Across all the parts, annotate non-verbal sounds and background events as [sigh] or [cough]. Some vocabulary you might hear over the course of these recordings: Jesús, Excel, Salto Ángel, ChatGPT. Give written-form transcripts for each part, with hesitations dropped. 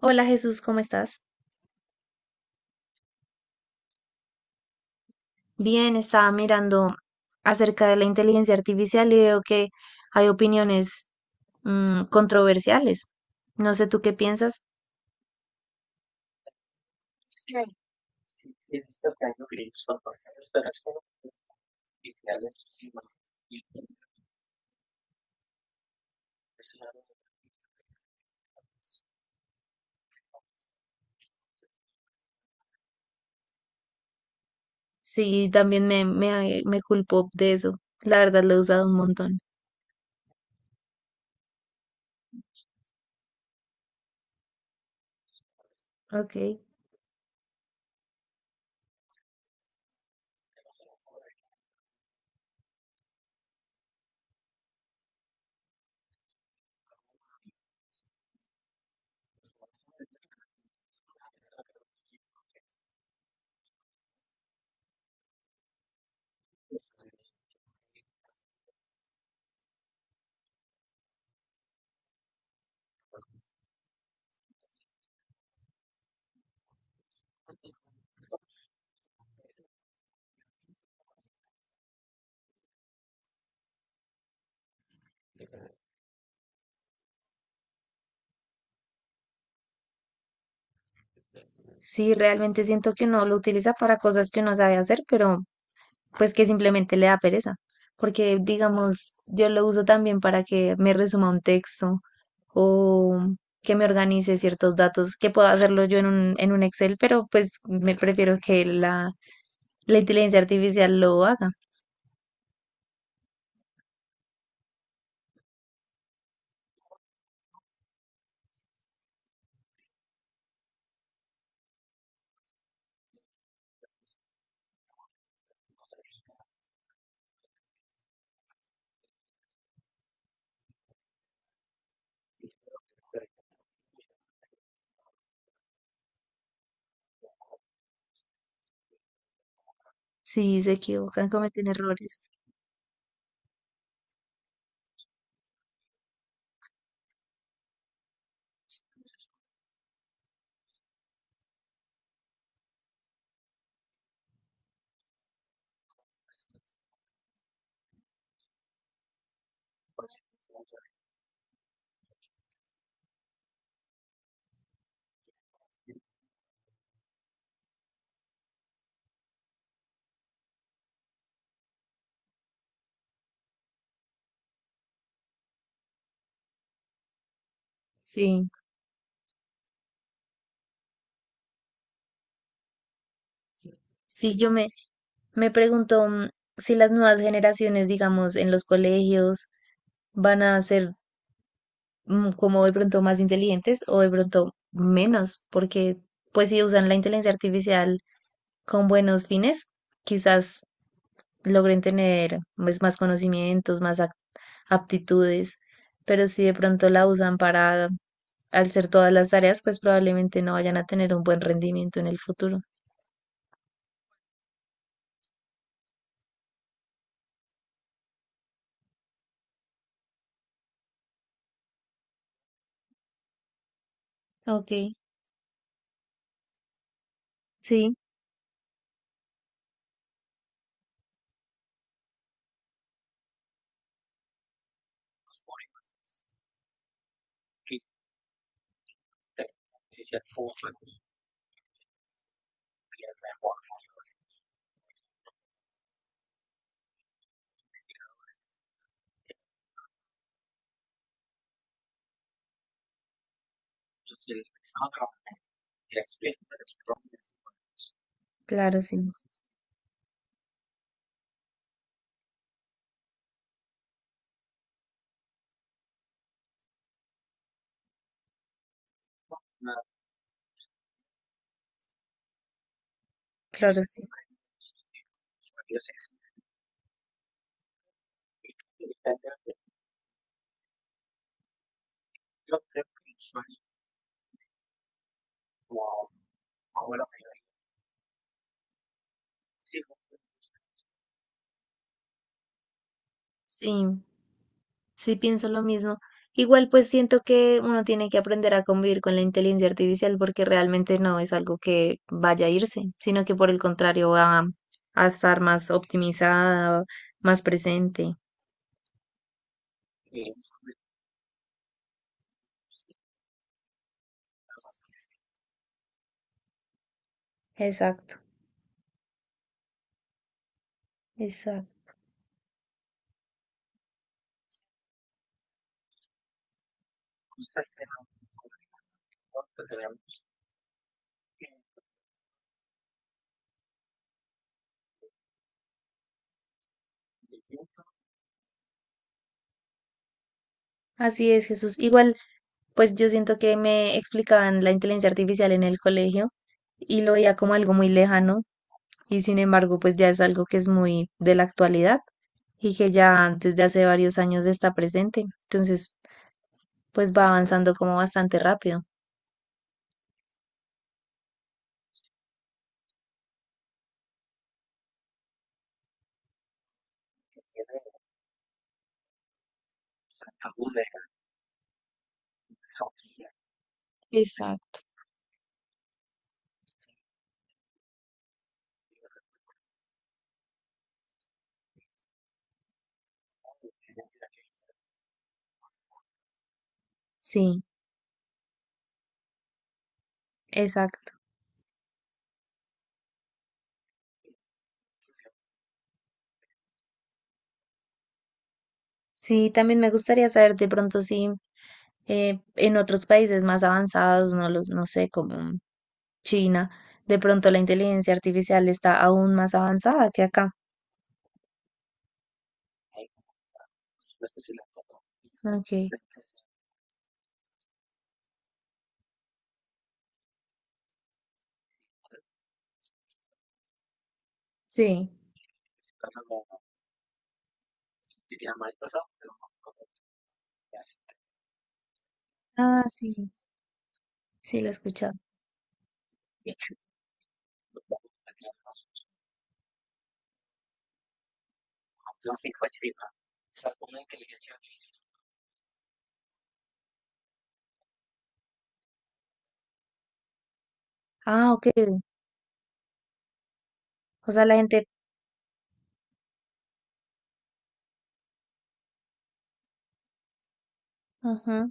Hola, Jesús, ¿cómo estás? Bien, estaba mirando acerca de la inteligencia artificial y veo que hay opiniones controversiales. No sé tú qué piensas. Sí, también me culpo de eso. La verdad lo he usado un montón. Ok. Sí, realmente siento que uno lo utiliza para cosas que uno sabe hacer, pero pues que simplemente le da pereza, porque digamos, yo lo uso también para que me resuma un texto o que me organice ciertos datos, que puedo hacerlo yo en un Excel, pero pues me prefiero que la inteligencia artificial lo haga. Sí, se equivocan, cometen errores. Sí, sí, me pregunto si las nuevas generaciones, digamos, en los colegios van a ser como de pronto más inteligentes o de pronto menos, porque pues si usan la inteligencia artificial con buenos fines, quizás logren tener pues, más conocimientos, aptitudes, pero si de pronto la usan para hacer todas las tareas, pues probablemente no vayan a tener un buen rendimiento en el futuro. Ok, sí, claro, sí, claro, sí. Sí, sí, pienso lo mismo. Igual pues siento que uno tiene que aprender a convivir con la inteligencia artificial porque realmente no es algo que vaya a irse, sino que por el contrario va a estar más optimizada, más presente. Exacto, exacto. Así es, Jesús. Igual pues yo siento que me explicaban la inteligencia artificial en el colegio y lo veía como algo muy lejano y sin embargo pues ya es algo que es muy de la actualidad y que ya desde hace varios años está presente. Entonces pues va avanzando como bastante rápido. Exacto. Sí, exacto. Sí, también me gustaría saber de pronto si en otros países más avanzados, no sé, como China, de pronto la inteligencia artificial está aún más avanzada que acá. Ok, sí. Ah, sí, sí, la he escuchado. Ah, ok. O sea, la gente, ajá,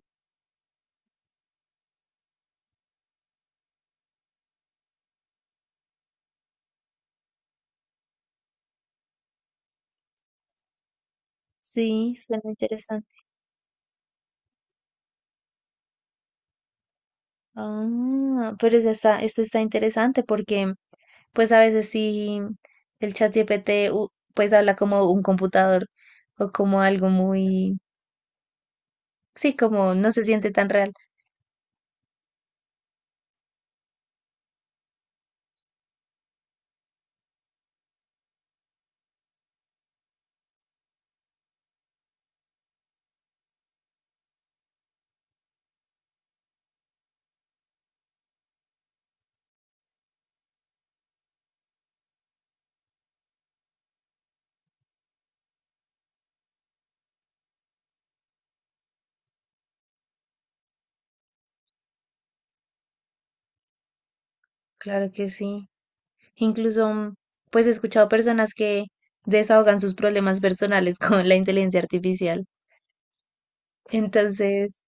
sí, suena interesante. Ah, pero esto está interesante porque pues a veces sí el chat GPT pues habla como un computador o como algo sí, como no se siente tan real. Claro que sí. Incluso pues he escuchado personas que desahogan sus problemas personales [laughs] con la inteligencia artificial. Entonces,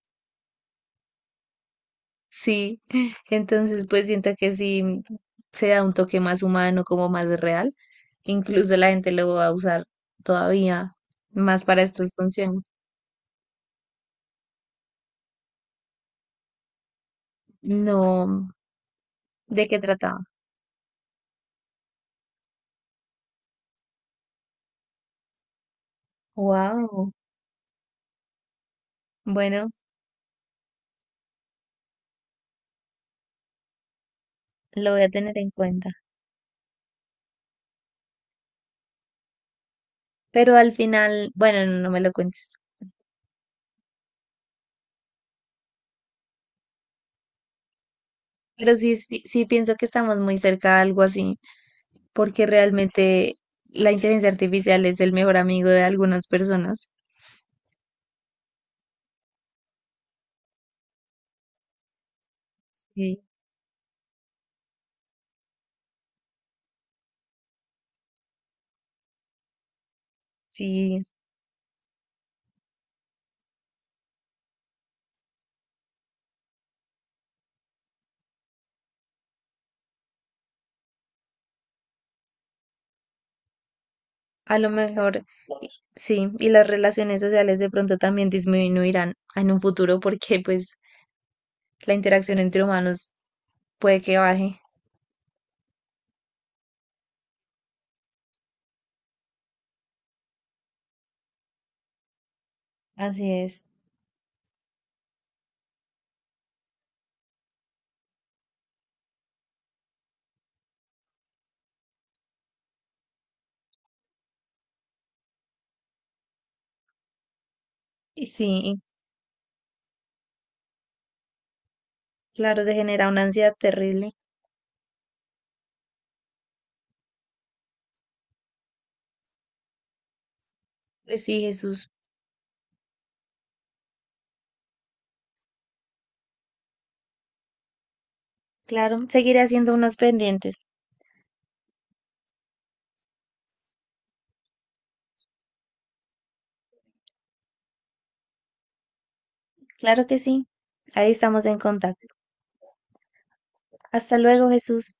sí, [laughs] entonces pues siento que sí se da un toque más humano, como más real. Incluso la gente lo va a usar todavía más para estas funciones. No, ¿de qué trata? Wow. Bueno, lo voy a tener en cuenta. Pero al final, bueno, no, no me lo cuentes. Pero sí, sí, sí pienso que estamos muy cerca de algo así, porque realmente la inteligencia artificial es el mejor amigo de algunas personas. Sí, sí, a lo mejor sí. Y las relaciones sociales de pronto también disminuirán en un futuro porque pues la interacción entre humanos puede que baje. Así es. Y sí, claro, se genera una ansiedad terrible. Pues sí, Jesús. Claro, seguiré haciendo unos pendientes. Claro que sí. Ahí estamos en contacto. Hasta luego, Jesús.